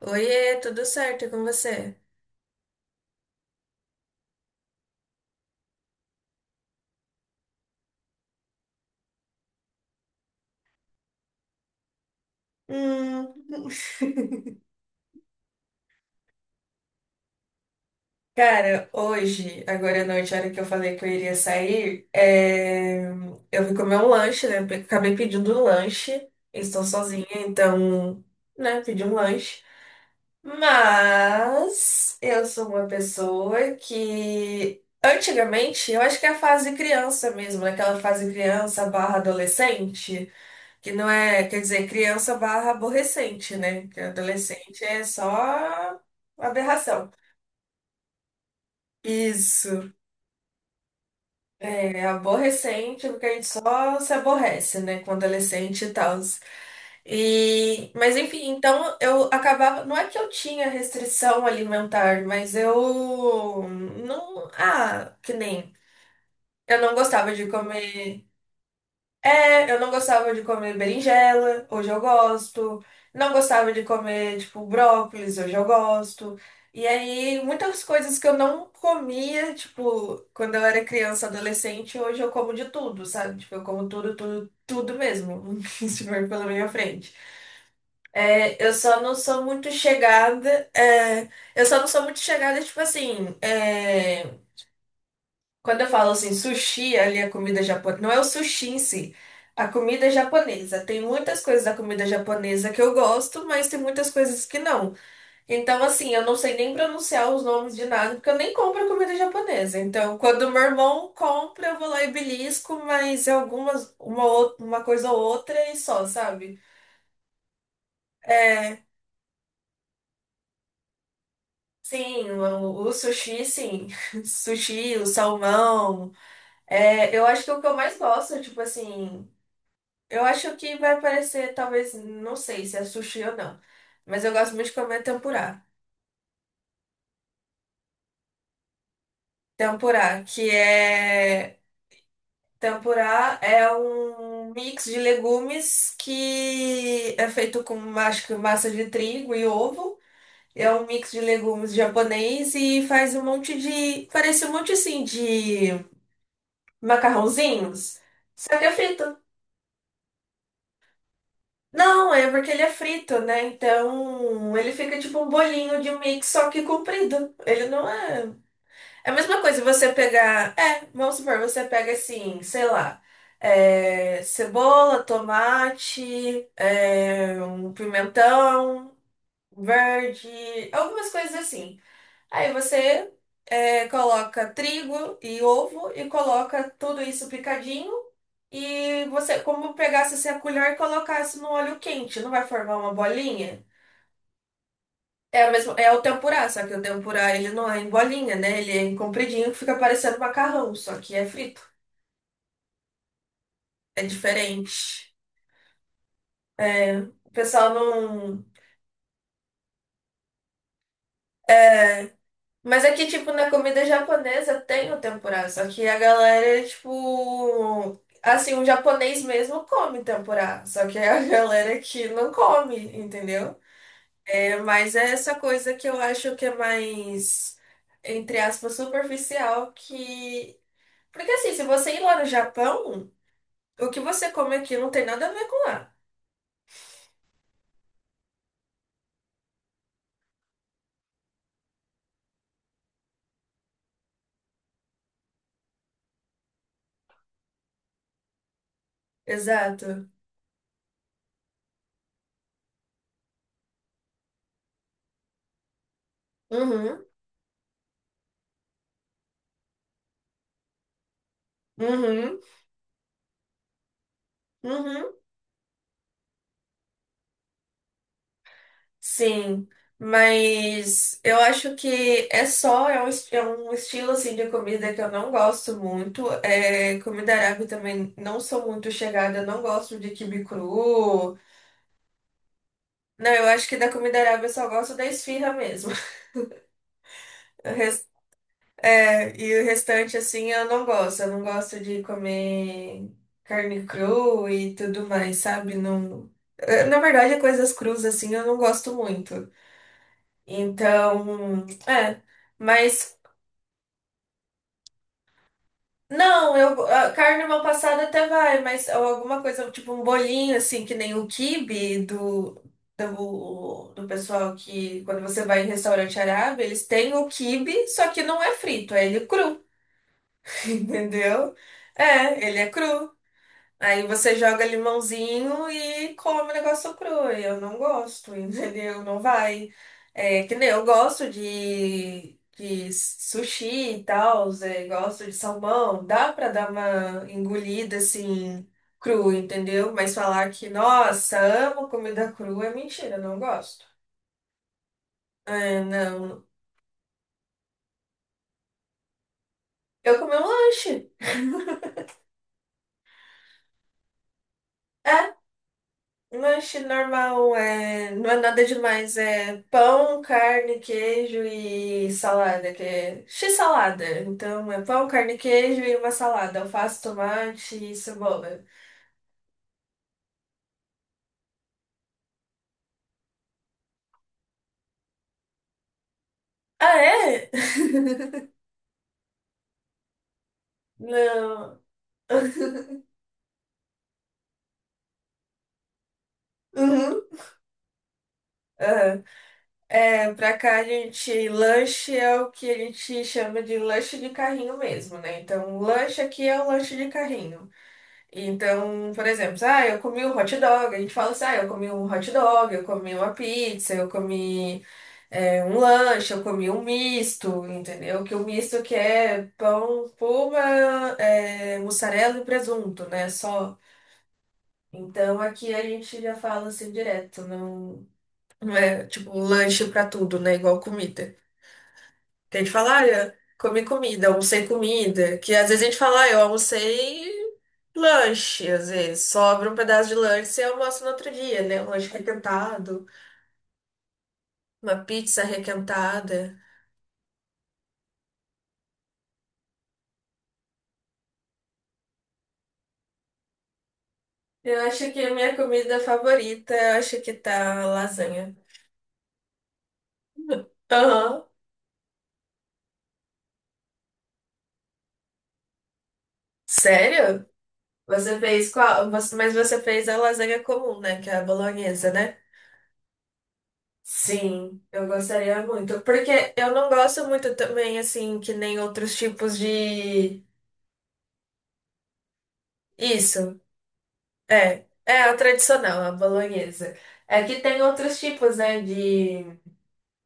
Oiê, tudo certo e com você? Hum. Cara, hoje, agora à noite, a hora que eu falei que eu iria sair, eu fui comer um lanche, né? Acabei pedindo um lanche. Estou sozinha, então, né, pedi um lanche. Mas eu sou uma pessoa que antigamente, eu acho que é a fase criança mesmo, naquela fase criança barra adolescente. Que não é, quer dizer, criança barra aborrecente, né? Que adolescente é só aberração. Isso, é aborrecente, é porque a gente só se aborrece, né? Com adolescente e tal. E, mas enfim, então eu acabava. Não é que eu tinha restrição alimentar, mas eu não. Ah, que nem. Eu não gostava de comer. É, eu não gostava de comer berinjela, hoje eu gosto. Não gostava de comer, tipo, brócolis, hoje eu gosto. E aí, muitas coisas que eu não comia, tipo, quando eu era criança, adolescente, hoje eu como de tudo, sabe? Tipo, eu como tudo, tudo, tudo mesmo, que estiver pela minha frente. Eu só não sou muito chegada, eu só não sou muito chegada, tipo assim, quando eu falo assim, sushi, ali a comida japonesa, não é o sushi em si, a comida japonesa. Tem muitas coisas da comida japonesa que eu gosto, mas tem muitas coisas que não. Então, assim, eu não sei nem pronunciar os nomes de nada, porque eu nem compro comida japonesa. Então, quando meu irmão compra, eu vou lá e belisco, mas é algumas, uma, uma coisa ou outra e só, sabe? É, sim, o sushi, sim. Sushi, o salmão. É, eu acho que o que eu mais gosto, tipo assim. Eu acho que vai aparecer, talvez, não sei se é sushi ou não, mas eu gosto muito de comer tempurá. Tempurá, que é. Tempurá é um mix de legumes que é feito com, acho que, massa de trigo e ovo. É um mix de legumes japonês e faz um monte de. Parece um monte, assim, de macarrãozinhos. Só que é feito Não, é porque ele é frito, né? Então ele fica tipo um bolinho de mix, só que comprido. Ele não é. É a mesma coisa você pegar. É, vamos supor, você pega assim, sei lá, cebola, tomate, um pimentão verde, algumas coisas assim. Aí você coloca trigo e ovo e coloca tudo isso picadinho. E você, como pegasse assim, a colher e colocasse no óleo quente, não vai formar uma bolinha? É, o mesmo, é o tempurá, só que o tempurá ele não é em bolinha, né? Ele é em compridinho que fica parecendo macarrão, só que é frito. É diferente. O pessoal não. Mas é que, tipo, na comida japonesa tem o tempurá, só que a galera, tipo. Assim, o japonês mesmo come tempurá, só que é a galera que não come, entendeu? É, mas é essa coisa que eu acho que é mais, entre aspas, superficial que. Porque, assim, se você ir lá no Japão, o que você come aqui não tem nada a ver com lá. Exato. Uhum, uhum, uhum. Sim, mas eu acho que é só, é um, é um estilo assim de comida que eu não gosto muito. É, comida árabe também não sou muito chegada, não gosto de quibe cru. Não, eu acho que da comida árabe eu só gosto da esfirra mesmo. O res- É, e o restante assim eu não gosto. Eu não gosto de comer carne crua e tudo mais, sabe? Não, na verdade, coisas cruas assim eu não gosto muito. Então, é. Mas Não, eu, a carne mal passada até vai, mas ou alguma coisa, tipo um bolinho, assim, que nem o quibe do pessoal que, quando você vai em restaurante árabe, eles têm o quibe, só que não é frito, é ele cru, entendeu? É, ele é cru. Aí você joga limãozinho e come o negócio cru. E eu não gosto, entendeu? Não vai. É, que nem eu gosto de sushi e tal, é, gosto de salmão. Dá pra dar uma engolida assim, cru, entendeu? Mas falar que, nossa, amo comida crua é mentira, não gosto. É, não. Eu comi um lanche. é Lanche normal, é... não é nada demais, é pão, carne, queijo e salada, que é x-salada. Então é pão, carne, queijo e uma salada, alface, tomate e cebola. Ah, é? Não. Uhum. Aham. É, pra cá a gente, lanche é o que a gente chama de lanche de carrinho mesmo, né? Então, lanche aqui é o lanche de carrinho. Então, por exemplo, ah, eu comi um hot dog, a gente fala assim, ah, eu comi um hot dog, eu comi uma pizza, eu comi um lanche, eu comi um misto, entendeu? Que o misto que é pão, puma, é, mussarela e presunto, né? Só. Então aqui a gente já fala assim direto, não é tipo lanche pra tudo, né? Igual comida. Que a gente fala, ah, eu comi comida, almocei comida. Que às vezes a gente fala, ah, eu almocei lanche, às vezes. Sobra um pedaço de lanche e almoço no outro dia, né? Um lanche requentado, uma pizza requentada. Eu acho que a minha comida favorita, eu acho que tá lasanha. Aham. Sério? Você fez qual? Mas você fez a lasanha comum, né? Que é a bolonhesa, né? Sim, eu gostaria muito. Porque eu não gosto muito também, assim, que nem outros tipos de. Isso, é. É a tradicional, a bolonhesa. É que tem outros tipos, né,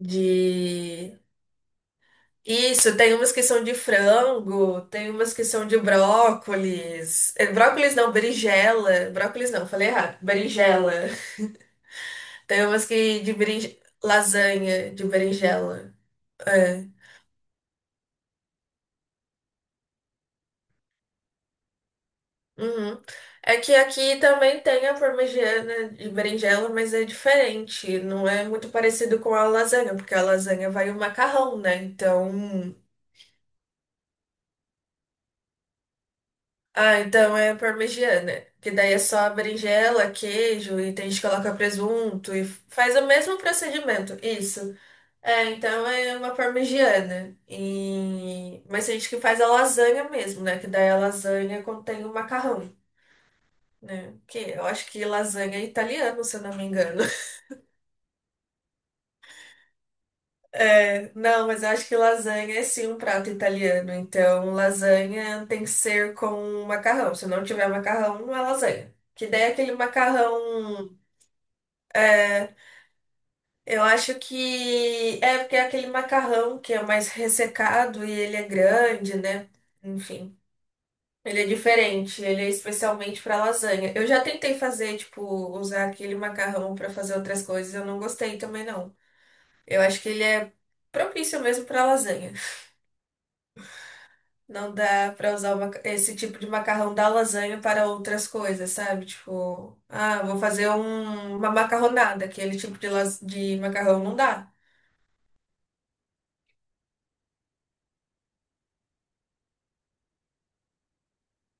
de... Isso, tem umas que são de frango, tem umas que são de brócolis. É, Brócolis não, berinjela. Brócolis não, falei errado. Berinjela. Tem umas que de berin... lasanha de berinjela. É. Uhum. É que aqui também tem a parmegiana de berinjela, mas é diferente. Não é muito parecido com a lasanha, porque a lasanha vai o macarrão, né? Então. Ah, então é parmegiana. Que daí é só a berinjela, queijo, e tem gente que coloca presunto e faz o mesmo procedimento. Isso. É, então é uma parmegiana. E... Mas tem gente que faz a lasanha mesmo, né? Que daí a lasanha contém o macarrão, né? Que eu acho que lasanha é italiano, se eu não me engano. É, não, mas eu acho que lasanha é sim um prato italiano. Então, lasanha tem que ser com macarrão. Se não tiver macarrão, não é lasanha. Que daí é aquele macarrão. É, eu acho que. É, porque é aquele macarrão que é mais ressecado e ele é grande, né? Enfim, ele é diferente. Ele é especialmente para lasanha. Eu já tentei fazer, tipo, usar aquele macarrão para fazer outras coisas. Eu não gostei também, não. Eu acho que ele é propício mesmo para lasanha. Não dá pra usar esse tipo de macarrão da lasanha para outras coisas, sabe? Tipo, ah, vou fazer uma macarronada, aquele tipo de, de macarrão não dá.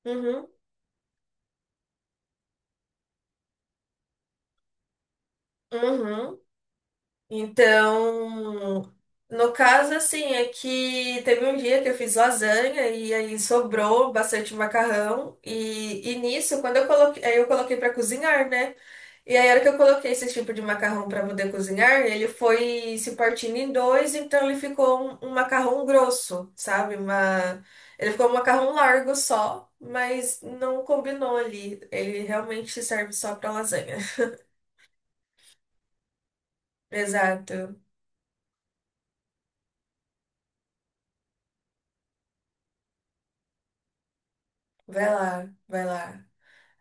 Uhum, uhum. Então, no caso, assim, é que teve um dia que eu fiz lasanha e aí sobrou bastante macarrão. E nisso, quando eu coloquei, aí eu coloquei para cozinhar, né? E aí, a hora que eu coloquei esse tipo de macarrão para poder cozinhar, ele foi se partindo em dois, então ele ficou um macarrão grosso, sabe? Uma... Ele ficou um macarrão largo só, mas não combinou ali. Ele realmente serve só para lasanha. Exato. Vai lá, vai lá.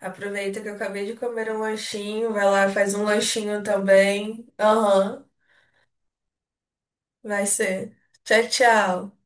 Aproveita que eu acabei de comer um lanchinho. Vai lá, faz um lanchinho também. Aham, vai ser. Tchau, tchau.